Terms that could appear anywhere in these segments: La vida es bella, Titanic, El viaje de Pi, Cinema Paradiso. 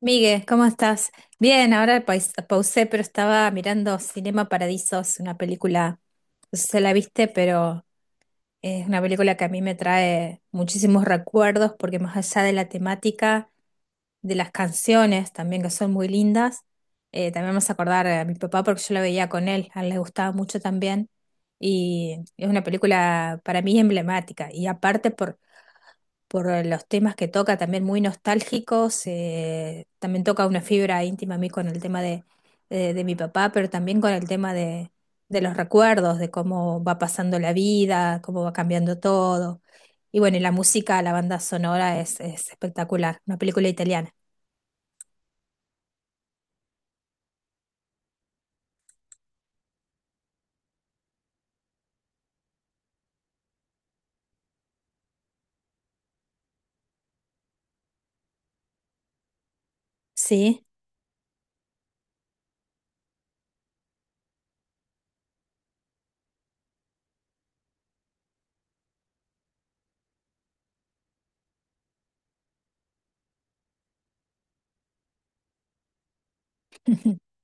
Miguel, ¿cómo estás? Bien, ahora pausé, pero estaba mirando Cinema Paradisos, una película, no sé si la viste, pero es una película que a mí me trae muchísimos recuerdos, porque más allá de la temática, de las canciones también, que son muy lindas, también me hace acordar a mi papá, porque yo la veía con él, a él le gustaba mucho también, y es una película para mí emblemática, y aparte por los temas que toca, también muy nostálgicos. También toca una fibra íntima a mí con el tema de mi papá, pero también con el tema de los recuerdos, de cómo va pasando la vida, cómo va cambiando todo. Y bueno, y la música, la banda sonora es espectacular, una película italiana. Sí,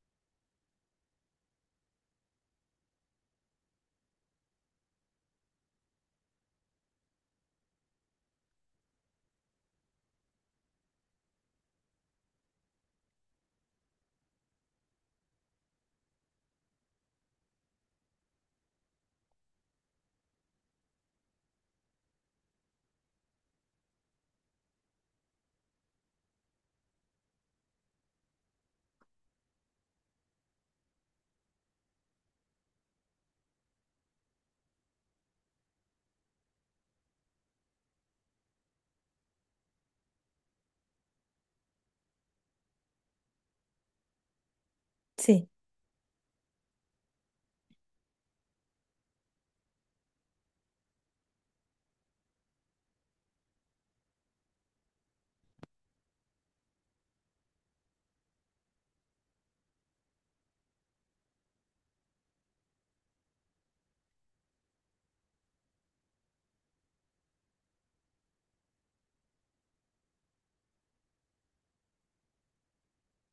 sí,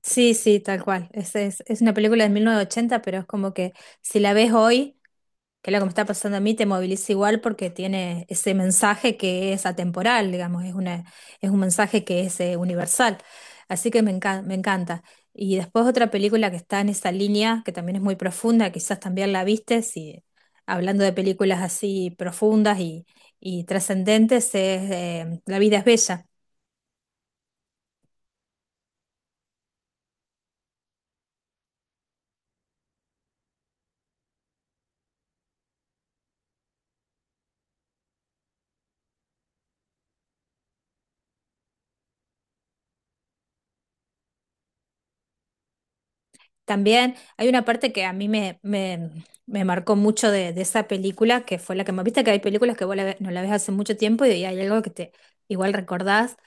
sí, sí, tal cual. Es una película de 1980, pero es como que si la ves hoy, que es lo que me está pasando a mí, te moviliza igual porque tiene ese mensaje que es atemporal, digamos, es es un mensaje que es universal. Así que me encanta. Y después otra película que está en esa línea, que también es muy profunda, quizás también la viste, si hablando de películas así profundas y trascendentes, es La vida es bella. También hay una parte que a me marcó mucho de esa película, que fue la que me viste, que hay películas que no la ves hace mucho tiempo y hay algo que te igual recordás.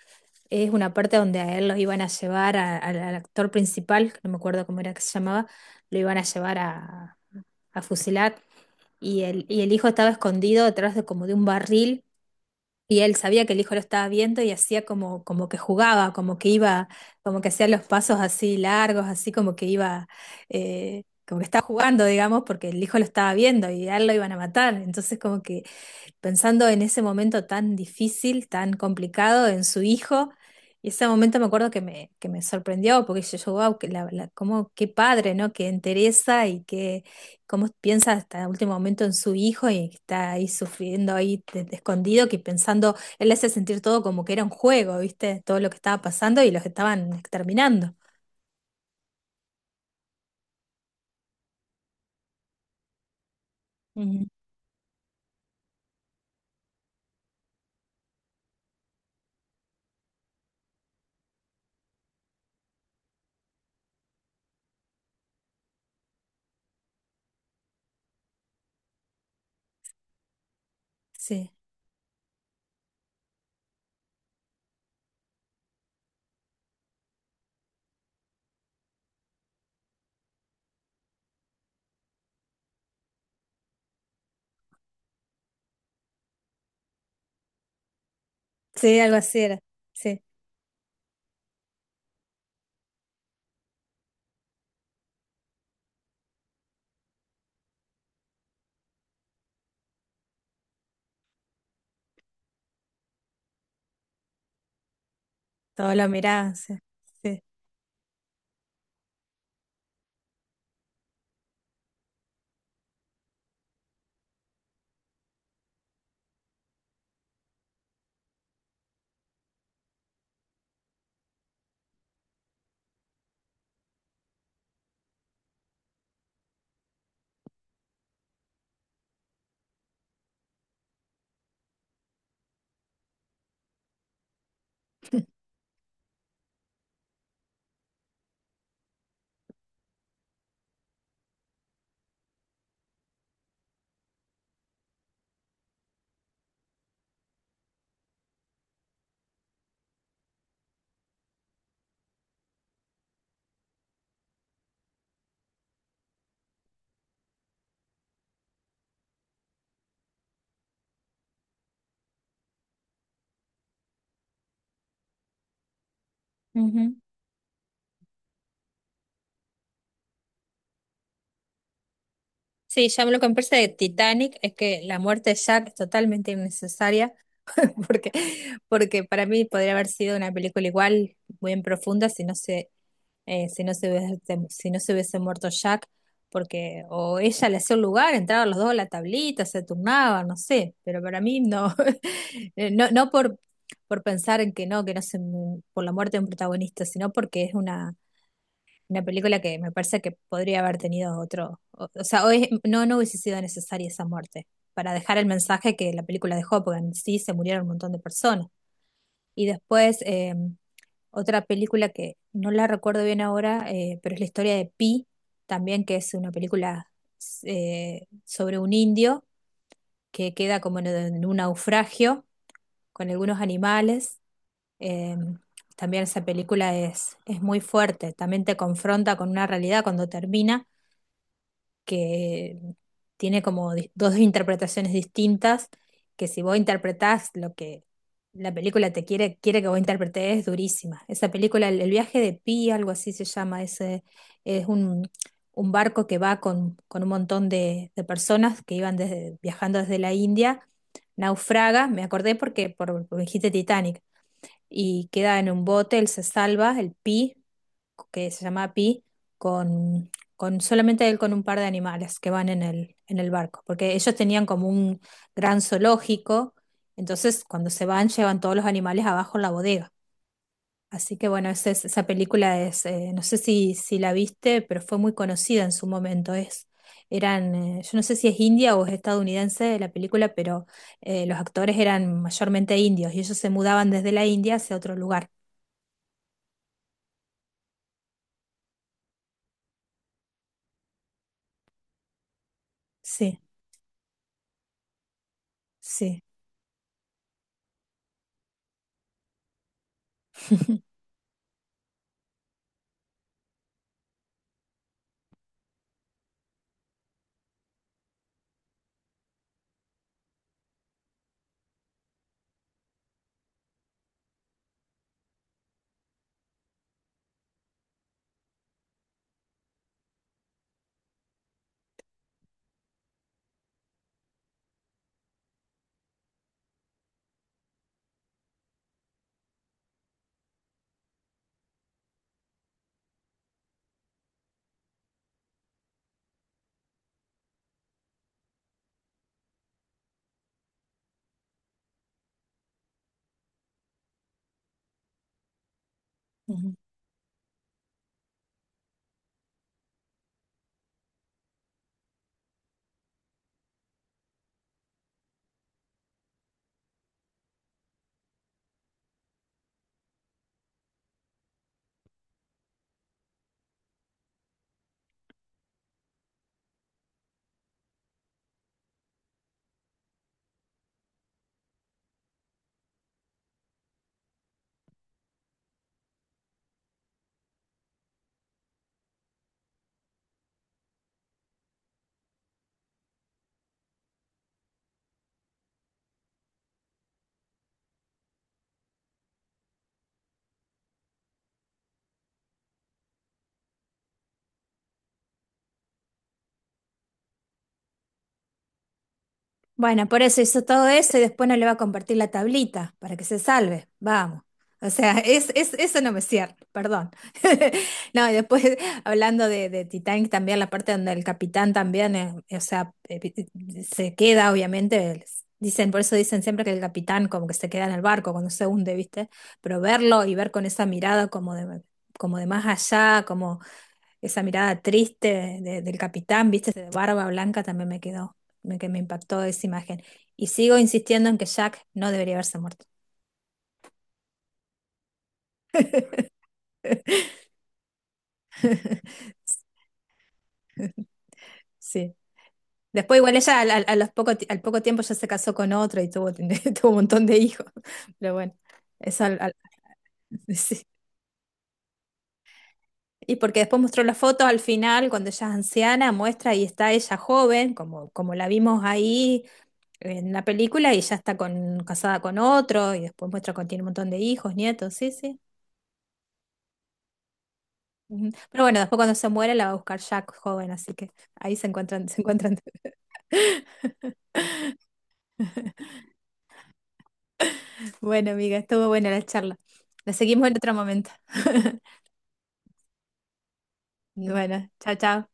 Es una parte donde a él lo iban a llevar al al actor principal, que no me acuerdo cómo era que se llamaba. Lo iban a a fusilar, y y el hijo estaba escondido detrás de como de un barril, y él sabía que el hijo lo estaba viendo y hacía como, como que jugaba, como que iba, como que hacía los pasos así largos, así como que iba, como que estaba jugando, digamos, porque el hijo lo estaba viendo y a él lo iban a matar. Entonces como que pensando en ese momento tan difícil, tan complicado, en su hijo. Y ese momento me acuerdo que que me sorprendió, porque wow, que cómo, qué padre, ¿no? Que interesa y que cómo piensa hasta el último momento en su hijo, y que está ahí sufriendo, ahí de escondido, que pensando, él le hace sentir todo como que era un juego, ¿viste? Todo lo que estaba pasando y los estaban exterminando. Ujú. Sí, sí, algo así era. Sí, todo lo miraba, sí. Sí. Sí, ya lo que me parece de Titanic es que la muerte de Jack es totalmente innecesaria, porque, porque para mí podría haber sido una película igual, muy en profunda, si no se si no se hubiese muerto Jack, porque o ella le hacía un lugar, entraban los dos a la tablita, se turnaban, no sé, pero para mí no. No, no por, Por pensar en que no se, por la muerte de un protagonista, sino porque es una película que me parece que podría haber tenido otro, o sea, hoy no, no hubiese sido necesaria esa muerte para dejar el mensaje que la película dejó, porque en sí se murieron un montón de personas. Y después otra película que no la recuerdo bien ahora, pero es la historia de Pi, también que es una película sobre un indio que queda como en un naufragio con algunos animales. Eh, también esa película es muy fuerte, también te confronta con una realidad cuando termina, que tiene como dos interpretaciones distintas, que si vos interpretás lo que la película te quiere que vos interpretes, es durísima. Esa película, el viaje de Pi, algo así se llama. Ese es un barco que va con un montón de personas que iban desde, viajando desde la India, naufraga, me acordé porque por dijiste Titanic, y queda en un bote, él se salva, el Pi, que se llama Pi, con, con solamente él con un par de animales que van en en el barco, porque ellos tenían como un gran zoológico, entonces cuando se van llevan todos los animales abajo en la bodega. Así que bueno, esa, esa película es, no sé si, si la viste, pero fue muy conocida en su momento. Es, eran, yo no sé si es india o es estadounidense la película, pero los actores eran mayormente indios y ellos se mudaban desde la India hacia otro lugar. Sí, sí. Bueno, por eso hizo todo eso y después no le va a compartir la tablita para que se salve. Vamos. O sea, eso no me cierra, perdón. No, y después hablando de Titanic también, la parte donde el capitán también, o sea, se queda, obviamente. Dicen, por eso dicen siempre que el capitán como que se queda en el barco cuando se hunde, ¿viste? Pero verlo y ver con esa mirada como como de más allá, esa mirada triste del capitán, viste, de barba blanca también me quedó, me, que me impactó esa imagen. Y sigo insistiendo en que Jack no debería haberse muerto. Sí. Después igual ella a los al poco tiempo ya se casó con otro y tuvo, tuvo un montón de hijos. Pero bueno, eso sí. Y porque después mostró las fotos al final, cuando ella es anciana, muestra y está ella joven, como, como la vimos ahí en la película, y ya está con, casada con otro, y después muestra que tiene un montón de hijos, nietos, sí, sí. Ujú. Pero bueno, después cuando se muere la va a buscar Jack joven, así que ahí se encuentran, se encuentran. Bueno, amiga, estuvo buena la charla. La seguimos en otro momento. Bueno, chao, chao.